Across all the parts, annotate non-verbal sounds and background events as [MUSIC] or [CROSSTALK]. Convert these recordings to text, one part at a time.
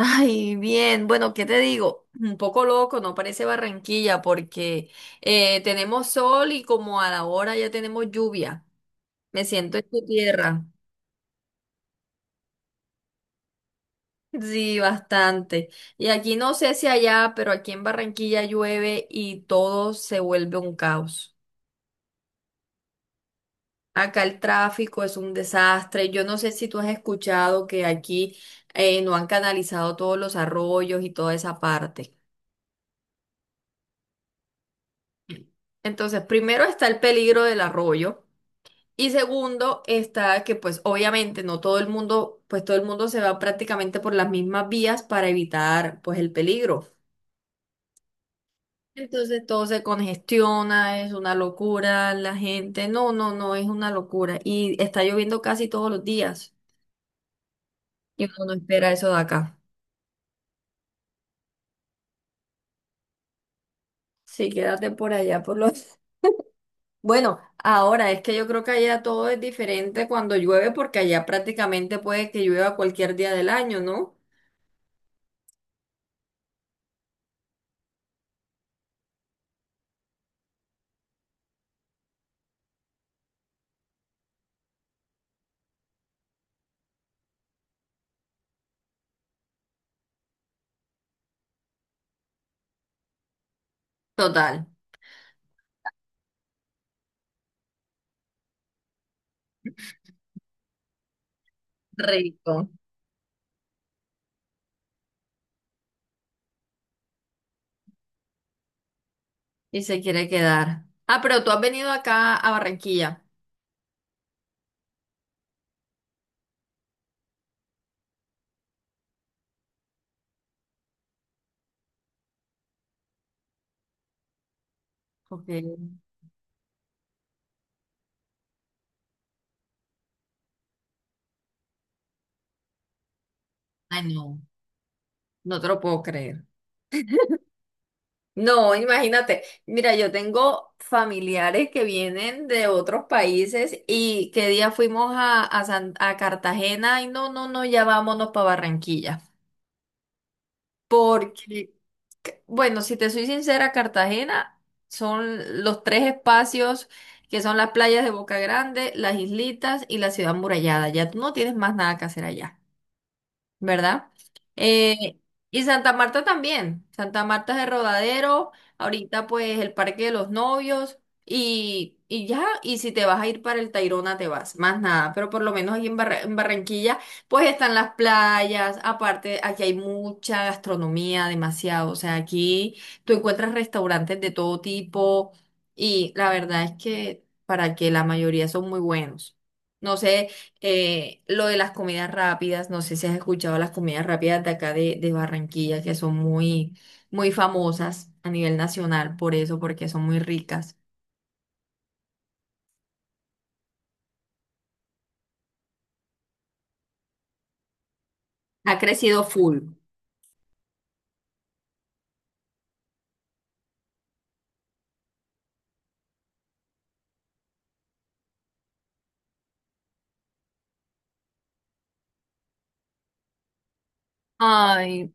Ay, bien, bueno, ¿qué te digo? Un poco loco, no parece Barranquilla porque tenemos sol y como a la hora ya tenemos lluvia. Me siento en tu tierra. Sí, bastante. Y aquí no sé si allá, pero aquí en Barranquilla llueve y todo se vuelve un caos. Acá el tráfico es un desastre. Yo no sé si tú has escuchado que aquí no han canalizado todos los arroyos y toda esa parte. Entonces, primero está el peligro del arroyo. Y segundo, está que pues obviamente no todo el mundo, pues todo el mundo se va prácticamente por las mismas vías para evitar pues el peligro. Entonces todo se congestiona, es una locura, la gente, no, no, no, es una locura. Y está lloviendo casi todos los días y uno no espera eso de acá. Sí, quédate por allá, por los... [LAUGHS] Bueno, ahora es que yo creo que allá todo es diferente cuando llueve porque allá prácticamente puede que llueva cualquier día del año, ¿no? Total. Rico. Y se quiere quedar. Ah, pero tú has venido acá a Barranquilla. Ok. Ay, no, no te lo puedo creer. No, imagínate. Mira, yo tengo familiares que vienen de otros países y qué día fuimos a Cartagena y no, no, no, ya vámonos para Barranquilla. Porque, bueno, si te soy sincera, Cartagena son los tres espacios que son las playas de Boca Grande, las islitas y la ciudad murallada. Ya tú no tienes más nada que hacer allá. ¿Verdad? Eh, y Santa Marta también. Santa Marta es el Rodadero, ahorita pues el Parque de los Novios y ya, y si te vas a ir para el Tayrona te vas, más nada, pero por lo menos aquí en Barranquilla pues están las playas, aparte aquí hay mucha gastronomía, demasiado, o sea, aquí tú encuentras restaurantes de todo tipo y la verdad es que para que la mayoría son muy buenos. No sé. Lo de las comidas rápidas, no sé si has escuchado las comidas rápidas de acá de Barranquilla, que son muy, muy famosas a nivel nacional por eso, porque son muy ricas. Ha crecido full. Ay,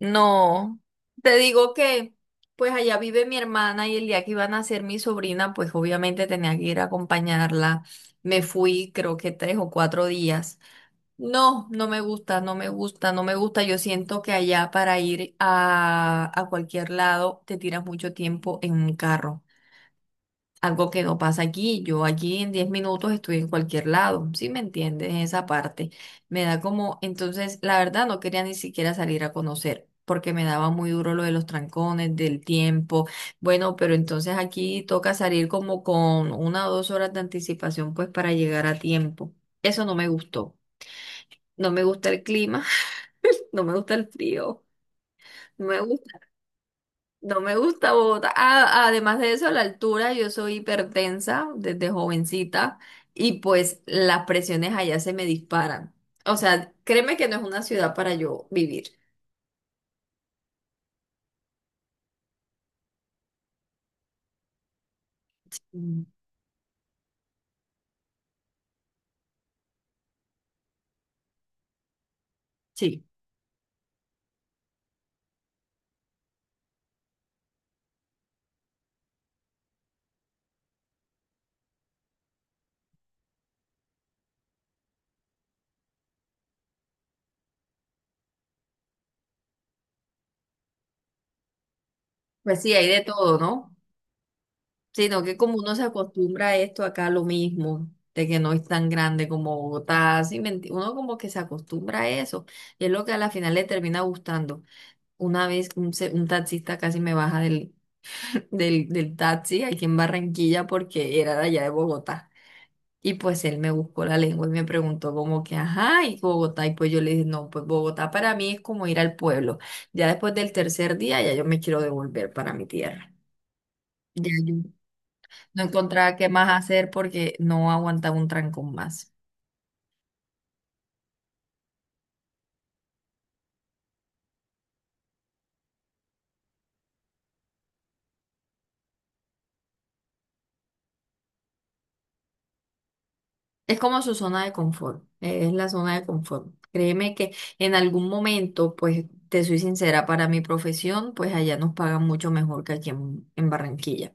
no. Te digo que, pues allá vive mi hermana y el día que iba a nacer mi sobrina, pues obviamente tenía que ir a acompañarla. Me fui, creo que 3 o 4 días. No, no me gusta, no me gusta, no me gusta. Yo siento que allá para ir a cualquier lado te tiras mucho tiempo en un carro. Algo que no pasa aquí. Yo aquí en 10 minutos estoy en cualquier lado. ¿Sí me entiendes? Esa parte. Me da como, entonces, la verdad no quería ni siquiera salir a conocer, porque me daba muy duro lo de los trancones, del tiempo. Bueno, pero entonces aquí toca salir como con 1 o 2 horas de anticipación, pues para llegar a tiempo. Eso no me gustó. No me gusta el clima. No me gusta el frío. No me gusta, no me gusta Bogotá. Ah, además de eso, a la altura, yo soy hipertensa desde jovencita y pues las presiones allá se me disparan. O sea, créeme que no es una ciudad para yo vivir. Mm. Sí. Pues sí, hay de todo, ¿no? Sino que como uno se acostumbra a esto acá lo mismo, de que no es tan grande como Bogotá, sí, me enti- uno como que se acostumbra a eso, y es lo que a la final le termina gustando. Una vez un taxista casi me baja del taxi aquí en Barranquilla porque era de allá de Bogotá. Y pues él me buscó la lengua y me preguntó como que, ajá, y Bogotá. Y pues yo le dije, no, pues Bogotá para mí es como ir al pueblo. Ya después del tercer día, ya yo me quiero devolver para mi tierra. Ya yo no encontraba qué más hacer porque no aguantaba un trancón más. Es como su zona de confort, es la zona de confort. Créeme que en algún momento, pues te soy sincera, para mi profesión, pues allá nos pagan mucho mejor que aquí en Barranquilla.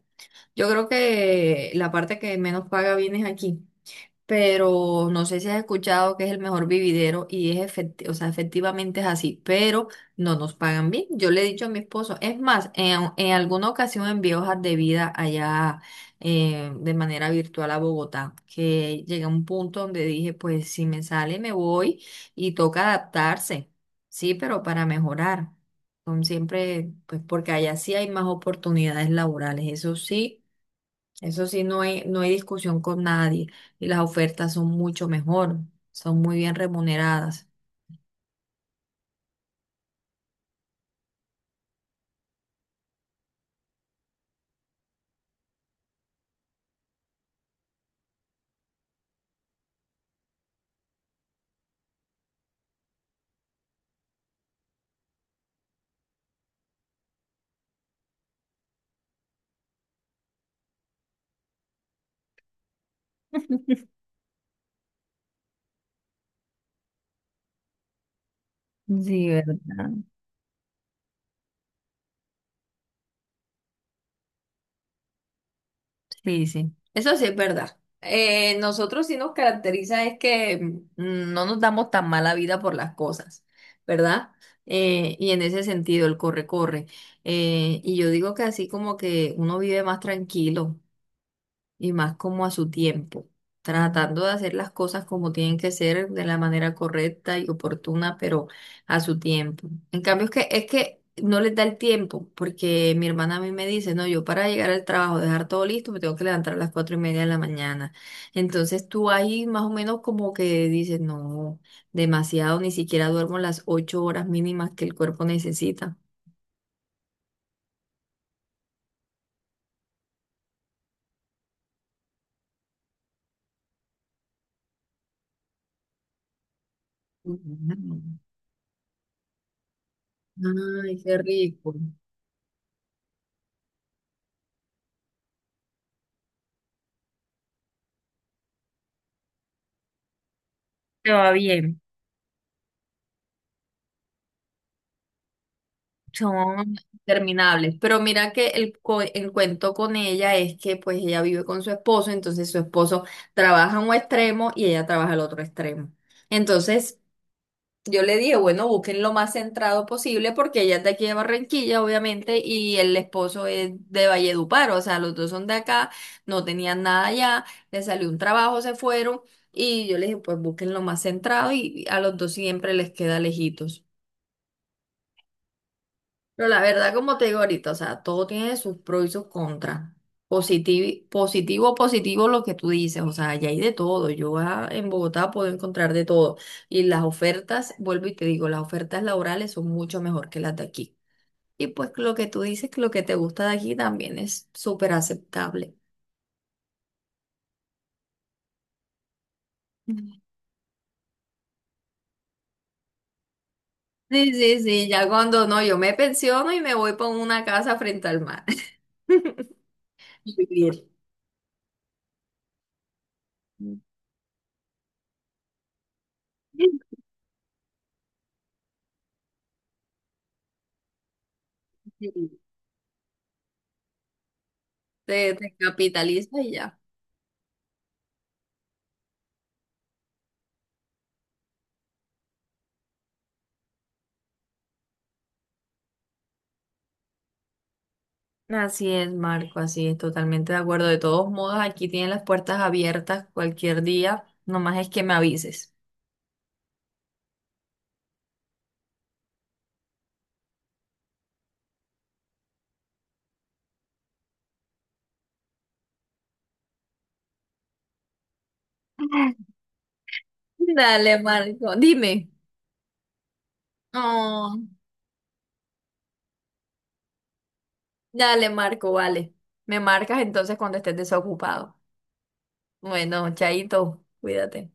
Yo creo que la parte que menos paga bien es aquí, pero no sé si has escuchado que es el mejor vividero y o sea, efectivamente es así, pero no nos pagan bien. Yo le he dicho a mi esposo, es más, en alguna ocasión envié hojas de vida allá de manera virtual a Bogotá, que llegué a un punto donde dije, pues si me sale me voy y toca adaptarse, sí, pero para mejorar. Son siempre, pues porque allá sí hay más oportunidades laborales, eso sí. Eso sí, no hay, no hay discusión con nadie y las ofertas son mucho mejor, son muy bien remuneradas. Sí, ¿verdad? Sí, sí. Eso sí es verdad. Nosotros sí nos caracteriza es que no nos damos tan mala vida por las cosas, ¿verdad? Y en ese sentido, el corre-corre. Y yo digo que así como que uno vive más tranquilo, y más como a su tiempo, tratando de hacer las cosas como tienen que ser de la manera correcta y oportuna, pero a su tiempo. En cambio, es que no les da el tiempo, porque mi hermana a mí me dice, no, yo para llegar al trabajo, dejar todo listo, me tengo que levantar a las 4:30 de la mañana. Entonces tú ahí más o menos como que dices, no, demasiado, ni siquiera duermo las 8 horas mínimas que el cuerpo necesita. Ujú. Ay, qué rico. Te va bien. Son interminables, pero mira que el cuento con ella es que pues ella vive con su esposo, entonces su esposo trabaja en un extremo y ella trabaja al otro extremo. Entonces yo le dije, bueno, busquen lo más centrado posible porque ella es de aquí de Barranquilla, obviamente, y el esposo es de Valledupar, o sea, los dos son de acá, no tenían nada allá, le salió un trabajo, se fueron y yo le dije, pues busquen lo más centrado y a los dos siempre les queda lejitos. Pero la verdad, como te digo ahorita, o sea, todo tiene sus pros y sus contras. Positivo, positivo, positivo lo que tú dices, o sea, ya hay de todo. Yo ah, en Bogotá puedo encontrar de todo. Y las ofertas, vuelvo y te digo, las ofertas laborales son mucho mejor que las de aquí. Y pues lo que tú dices, que lo que te gusta de aquí también es súper aceptable. Mm. Sí, sí, sí, ya cuando no, yo me pensiono y me voy para una casa frente al mar. [LAUGHS] Vivir. Sí. Te capitalizas y ya. Así es, Marco, así es, totalmente de acuerdo. De todos modos, aquí tienen las puertas abiertas cualquier día, nomás es que me avises. [LAUGHS] Dale, Marco, dime. Oh, dale, Marco, vale. Me marcas entonces cuando estés desocupado. Bueno, chaito, cuídate.